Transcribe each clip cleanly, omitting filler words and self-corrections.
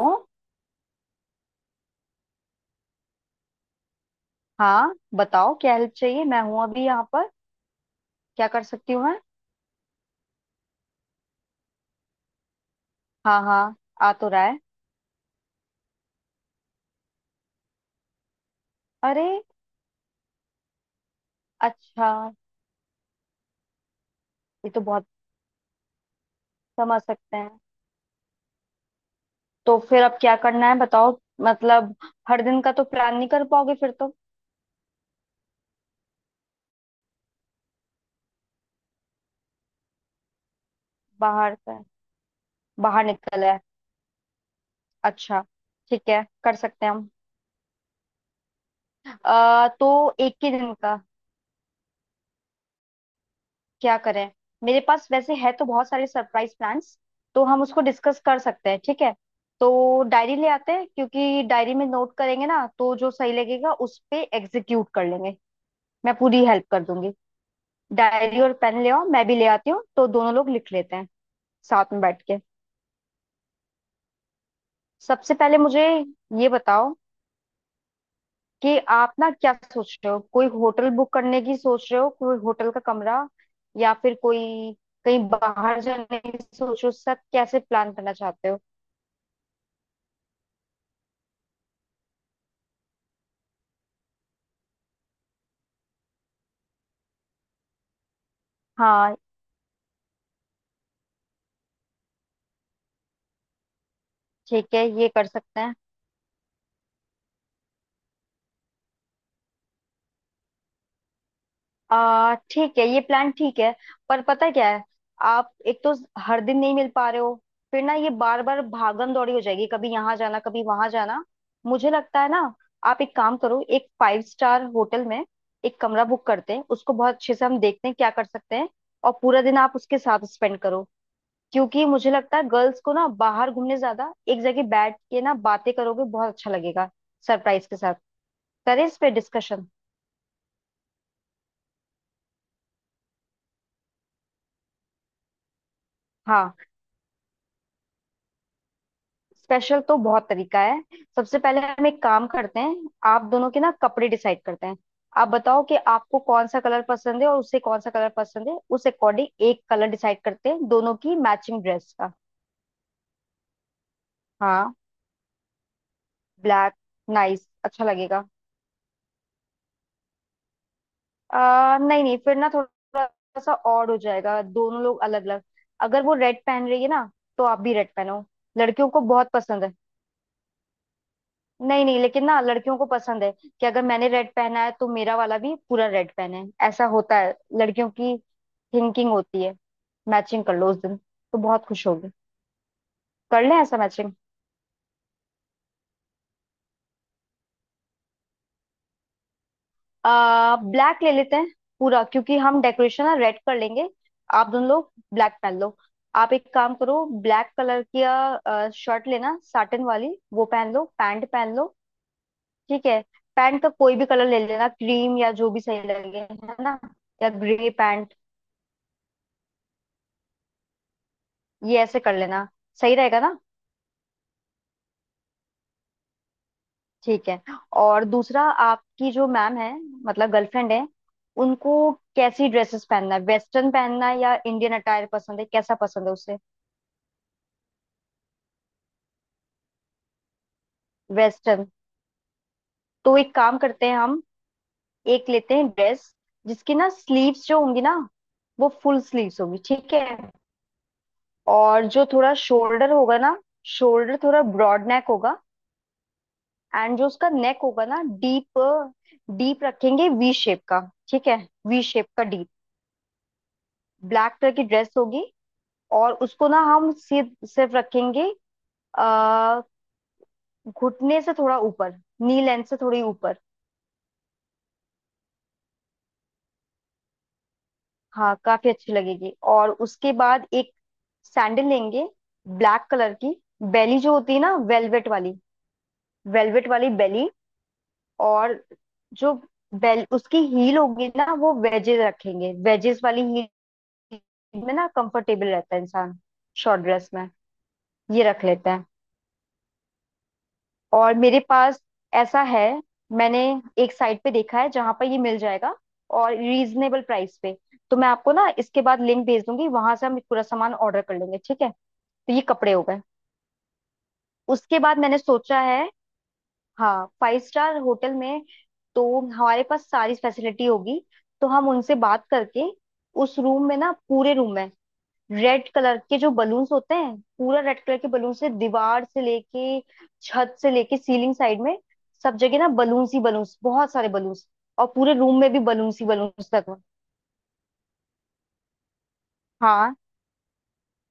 हूँ। हाँ, बताओ क्या हेल्प चाहिए। मैं हूँ अभी यहाँ पर, क्या कर सकती हूँ मैं? हाँ हाँ। आ तो रहा है। अरे, अच्छा। ये तो बहुत समझ सकते हैं। तो फिर अब क्या करना है बताओ? मतलब हर दिन का तो प्लान नहीं कर पाओगे फिर तो। बाहर से बाहर निकल है। अच्छा, ठीक है, कर सकते हैं हम। तो एक ही दिन का क्या करें। मेरे पास वैसे है तो बहुत सारे सरप्राइज प्लान्स, तो हम उसको डिस्कस कर सकते हैं, ठीक है। तो डायरी ले आते हैं, क्योंकि डायरी में नोट करेंगे ना, तो जो सही लगेगा उस पे एग्जीक्यूट कर लेंगे। मैं पूरी हेल्प कर दूंगी। डायरी और पेन ले आओ, मैं भी ले आती हूँ, तो दोनों लोग लिख लेते हैं साथ में बैठ के। सबसे पहले मुझे ये बताओ, कि आप ना क्या सोच रहे हो, कोई होटल बुक करने की सोच रहे हो, कोई होटल का कमरा या फिर कोई कहीं बाहर जाने की सोच रहे हो, सब कैसे प्लान करना चाहते हो? हाँ, ठीक है, ये कर सकते हैं। आ ठीक है, ये प्लान ठीक है। पर पता है क्या है, आप एक तो हर दिन नहीं मिल पा रहे हो, फिर ना ये बार बार भागम दौड़ी हो जाएगी, कभी यहाँ जाना कभी वहां जाना। मुझे लगता है ना, आप एक काम करो, एक 5 स्टार होटल में एक कमरा बुक करते हैं, उसको बहुत अच्छे से हम देखते हैं क्या कर सकते हैं। और पूरा दिन आप उसके साथ स्पेंड करो। क्योंकि मुझे लगता है गर्ल्स को ना बाहर घूमने ज्यादा एक जगह बैठ के ना बातें करोगे बहुत अच्छा लगेगा, सरप्राइज के साथ। करें इस पे डिस्कशन। हाँ, स्पेशल तो बहुत तरीका है। सबसे पहले हम एक काम करते हैं, आप दोनों के ना कपड़े डिसाइड करते हैं। आप बताओ कि आपको कौन सा कलर पसंद है और उसे कौन सा कलर पसंद है, उस अकॉर्डिंग एक कलर डिसाइड करते हैं दोनों की मैचिंग ड्रेस का। हाँ, ब्लैक नाइस, अच्छा लगेगा। नहीं नहीं, फिर ना थोड़ा सा ऑड हो जाएगा, दोनों लोग अलग अलग। अगर वो रेड पहन रही है ना, तो आप भी रेड पहनो, लड़कियों को बहुत पसंद है। नहीं नहीं, लेकिन ना लड़कियों को पसंद है कि अगर मैंने रेड पहना है तो मेरा वाला भी पूरा रेड पहने, ऐसा होता है लड़कियों की थिंकिंग होती है। मैचिंग कर लो उस दिन, तो बहुत खुश होगी। कर लें ऐसा मैचिंग। आ ब्लैक ले लेते हैं पूरा, क्योंकि हम डेकोरेशन ना रेड कर लेंगे। आप दोनों लोग ब्लैक पहन लो। आप एक काम करो, ब्लैक कलर की शर्ट लेना साटन वाली, वो पहन लो, पैंट पहन लो, ठीक है। पैंट का कोई भी कलर ले लेना, क्रीम या जो भी सही लगे, है ना, या ग्रे पैंट। ये ऐसे कर लेना, सही रहेगा ना, ठीक है। और दूसरा, आपकी जो मैम है, मतलब गर्लफ्रेंड है, उनको कैसी ड्रेसेस पहनना है, वेस्टर्न पहनना है या इंडियन अटायर पसंद है, कैसा पसंद है उसे? वेस्टर्न। तो एक काम करते हैं हम, एक लेते हैं ड्रेस, जिसकी ना स्लीव्स जो होंगी ना, वो फुल स्लीव्स होगी, ठीक है। और जो थोड़ा शोल्डर होगा ना, शोल्डर थोड़ा ब्रॉड नेक होगा। एंड जो उसका नेक होगा ना डीप, डीप रखेंगे वी शेप का, ठीक है, वी शेप का। ब्लैक कलर की ड्रेस होगी, और उसको ना हम सीध सिर्फ रखेंगे, आ, घुटने से थोड़ा ऊपर, नी लेंथ से थोड़ी ऊपर। हाँ, काफी अच्छी लगेगी। और उसके बाद एक सैंडल लेंगे, ब्लैक कलर की। बेली जो होती है ना वेलवेट वाली, वेलवेट वाली बेली। और जो बेल उसकी हील होगी ना, वो वेजेस रखेंगे, वेजेस वाली हील में ना कंफर्टेबल रहता है इंसान शॉर्ट ड्रेस में, ये रख लेते हैं। और मेरे पास ऐसा है, मैंने एक साइट पे देखा है जहां पर ये मिल जाएगा, और रीजनेबल प्राइस पे। तो मैं आपको ना इसके बाद लिंक भेज दूंगी, वहां से हम पूरा सामान ऑर्डर कर लेंगे, ठीक है। तो ये कपड़े हो गए। उसके बाद मैंने सोचा है, हाँ, 5 स्टार होटल में तो हमारे पास सारी फैसिलिटी होगी, तो हम उनसे बात करके उस रूम में ना, पूरे रूम में रेड कलर के जो बलून्स होते हैं, पूरा रेड कलर के बलून से दीवार से लेके छत से लेके सीलिंग साइड में, सब जगह ना बलून्स ही बलून्स, बहुत सारे बलून्स। और पूरे रूम में भी बलून्स ही बलून्स लगवा। हाँ,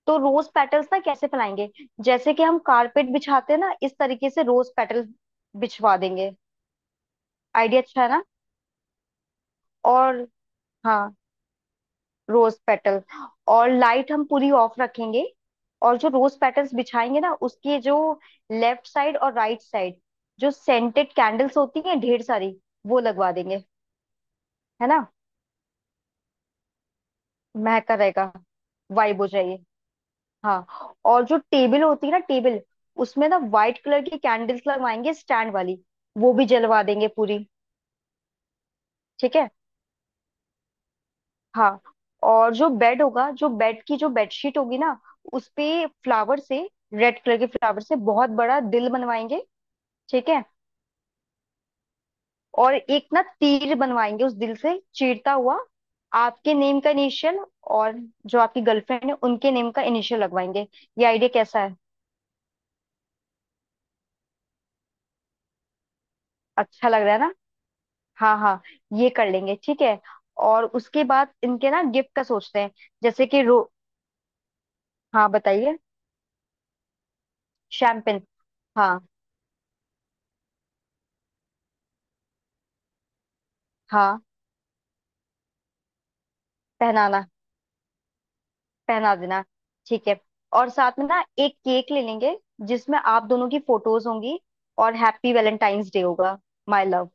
तो रोज पेटल्स ना कैसे फैलाएंगे, जैसे कि हम कारपेट बिछाते हैं ना, इस तरीके से रोज पेटल बिछवा देंगे। आइडिया अच्छा है ना। और हाँ, रोज पेटल। और लाइट हम पूरी ऑफ रखेंगे। और जो रोज पेटल्स बिछाएंगे ना, उसके जो लेफ्ट साइड और राइट साइड, जो सेंटेड कैंडल्स होती हैं ढेर सारी, वो लगवा देंगे। है ना, महका रहेगा, वाइब हो जाएगी। हाँ, और जो टेबल होती है ना, टेबल उसमें ना व्हाइट कलर की कैंडल्स लगवाएंगे स्टैंड वाली, वो भी जलवा देंगे पूरी, ठीक है। हाँ, और जो बेड होगा, जो बेड की जो बेडशीट होगी ना, उस पे फ्लावर से, रेड कलर के फ्लावर से बहुत बड़ा दिल बनवाएंगे, ठीक है। और एक ना तीर बनवाएंगे उस दिल से चीरता हुआ, आपके नेम का इनिशियल और जो आपकी गर्लफ्रेंड है उनके नेम का इनिशियल लगवाएंगे। ये आइडिया कैसा है? अच्छा लग रहा है ना। हाँ हाँ, ये कर लेंगे, ठीक है। और उसके बाद इनके ना गिफ्ट का सोचते हैं, जैसे कि रो। हाँ, बताइए। शैम्पेन। हाँ हाँ। पहनाना, पहना देना, ठीक है। और साथ में ना एक केक ले लेंगे, जिसमें आप दोनों की फोटोज होंगी और हैप्पी वैलेंटाइंस डे होगा माय लव,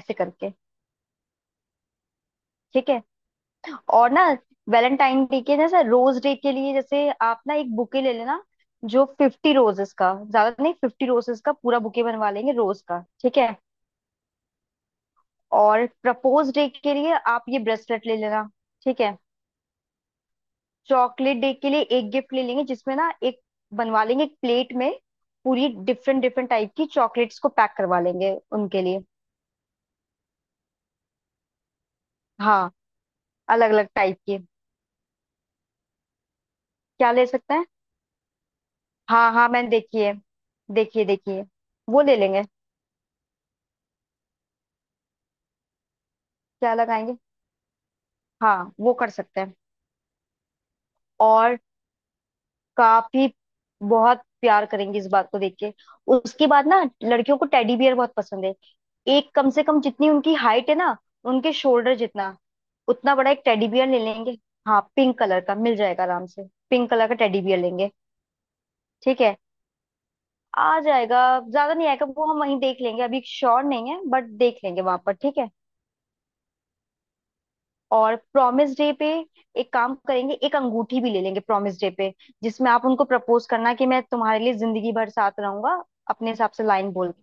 ऐसे करके। ठीक है। और ना, वैलेंटाइन डे के जैसे रोज डे के लिए जैसे आप ना एक बुके ले लेना, जो 50 रोजेस का, ज्यादा नहीं, 50 रोजेस का पूरा बुके बनवा लेंगे रोज का, ठीक है। और प्रपोज डे के लिए आप ये ब्रेसलेट ले लेना, ठीक है। चॉकलेट डे के लिए एक गिफ्ट ले लेंगे, जिसमें ना एक बनवा लेंगे, एक प्लेट में पूरी डिफरेंट डिफरेंट टाइप की चॉकलेट्स को पैक करवा लेंगे उनके लिए। हाँ, अलग अलग टाइप की। क्या ले सकते हैं, हाँ हाँ, मैंने देखी है। देखिए देखिए। वो ले लेंगे। क्या लगाएंगे? हाँ, वो कर सकते हैं। और काफी, बहुत प्यार करेंगे इस बात को देख के। उसके बाद ना, लड़कियों को टेडी बियर बहुत पसंद है, एक कम से कम जितनी उनकी हाइट है ना, उनके शोल्डर जितना, उतना बड़ा एक टेडी बियर ले लेंगे। हाँ, पिंक कलर का मिल जाएगा आराम से, पिंक कलर का टेडी बियर लेंगे, ठीक है। आ जाएगा, ज्यादा नहीं आएगा वो, हम वहीं देख लेंगे, अभी श्योर नहीं है बट देख लेंगे वहां पर, ठीक है। और प्रॉमिस डे पे एक काम करेंगे, एक अंगूठी भी ले लेंगे प्रॉमिस डे पे, जिसमें आप उनको प्रपोज करना कि मैं तुम्हारे लिए जिंदगी भर साथ रहूंगा, अपने हिसाब से लाइन बोल के।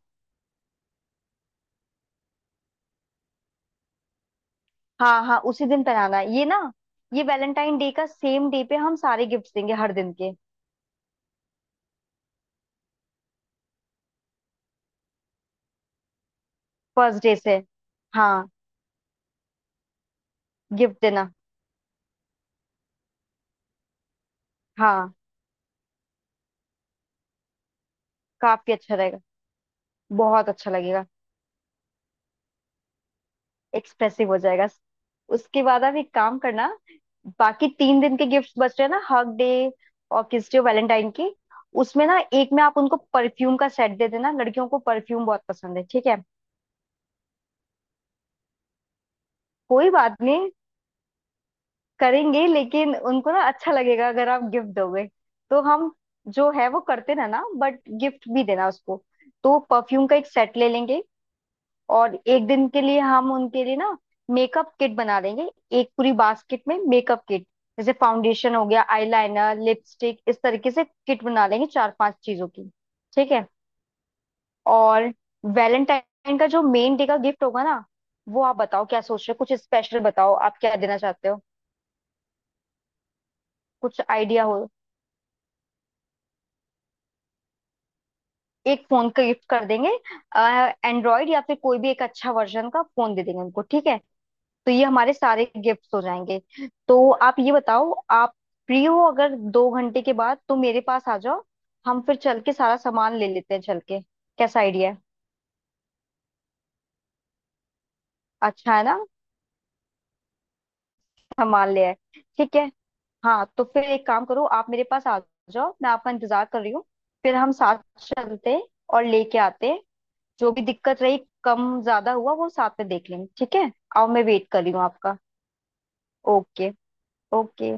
हाँ हाँ, उसी दिन पहनाना है ये ना, ये वैलेंटाइन डे का सेम डे पे हम सारे गिफ्ट देंगे हर दिन के, फर्स्ट डे से। हाँ, गिफ्ट देना। हाँ, काफी अच्छा रहेगा, बहुत अच्छा लगेगा, एक्सप्रेसिव हो जाएगा। उसके बाद आप एक काम करना, बाकी 3 दिन के गिफ्ट्स बच रहे हैं ना, हग डे और किस डे वैलेंटाइन की, उसमें ना एक में आप उनको परफ्यूम का सेट दे देना, लड़कियों को परफ्यूम बहुत पसंद है, ठीक है। कोई बात नहीं, करेंगे लेकिन उनको ना अच्छा लगेगा अगर आप गिफ्ट दोगे, तो हम जो है वो करते रहना बट गिफ्ट भी देना उसको। तो परफ्यूम का एक सेट ले लेंगे। और एक दिन के लिए हम उनके लिए ना मेकअप किट बना देंगे, एक पूरी बास्केट में मेकअप किट, जैसे फाउंडेशन हो गया, आईलाइनर, लिपस्टिक, इस तरीके से किट बना लेंगे 4-5 चीजों की, ठीक है। और वैलेंटाइन का जो मेन डे का गिफ्ट होगा ना, वो आप बताओ क्या सोच रहे हो, कुछ स्पेशल बताओ, आप क्या देना चाहते हो, कुछ आइडिया हो। एक फोन का गिफ्ट कर देंगे, एंड्रॉइड या फिर कोई भी एक अच्छा वर्जन का फोन दे देंगे उनको, ठीक है। तो ये हमारे सारे गिफ्ट्स हो जाएंगे। तो आप ये बताओ, आप फ्री हो अगर 2 घंटे के बाद तो मेरे पास आ जाओ, हम फिर चल के सारा सामान ले लेते हैं चल के। कैसा आइडिया है? अच्छा है ना। सामान ले आए। ठीक है। हाँ, तो फिर एक काम करो, आप मेरे पास आ जाओ, मैं आपका इंतजार कर रही हूँ, फिर हम साथ चलते हैं और लेके आते हैं। जो भी दिक्कत रही, कम ज्यादा हुआ वो साथ में देख लेंगे, ठीक है। और मैं वेट कर रही हूँ आपका। Okay, okay.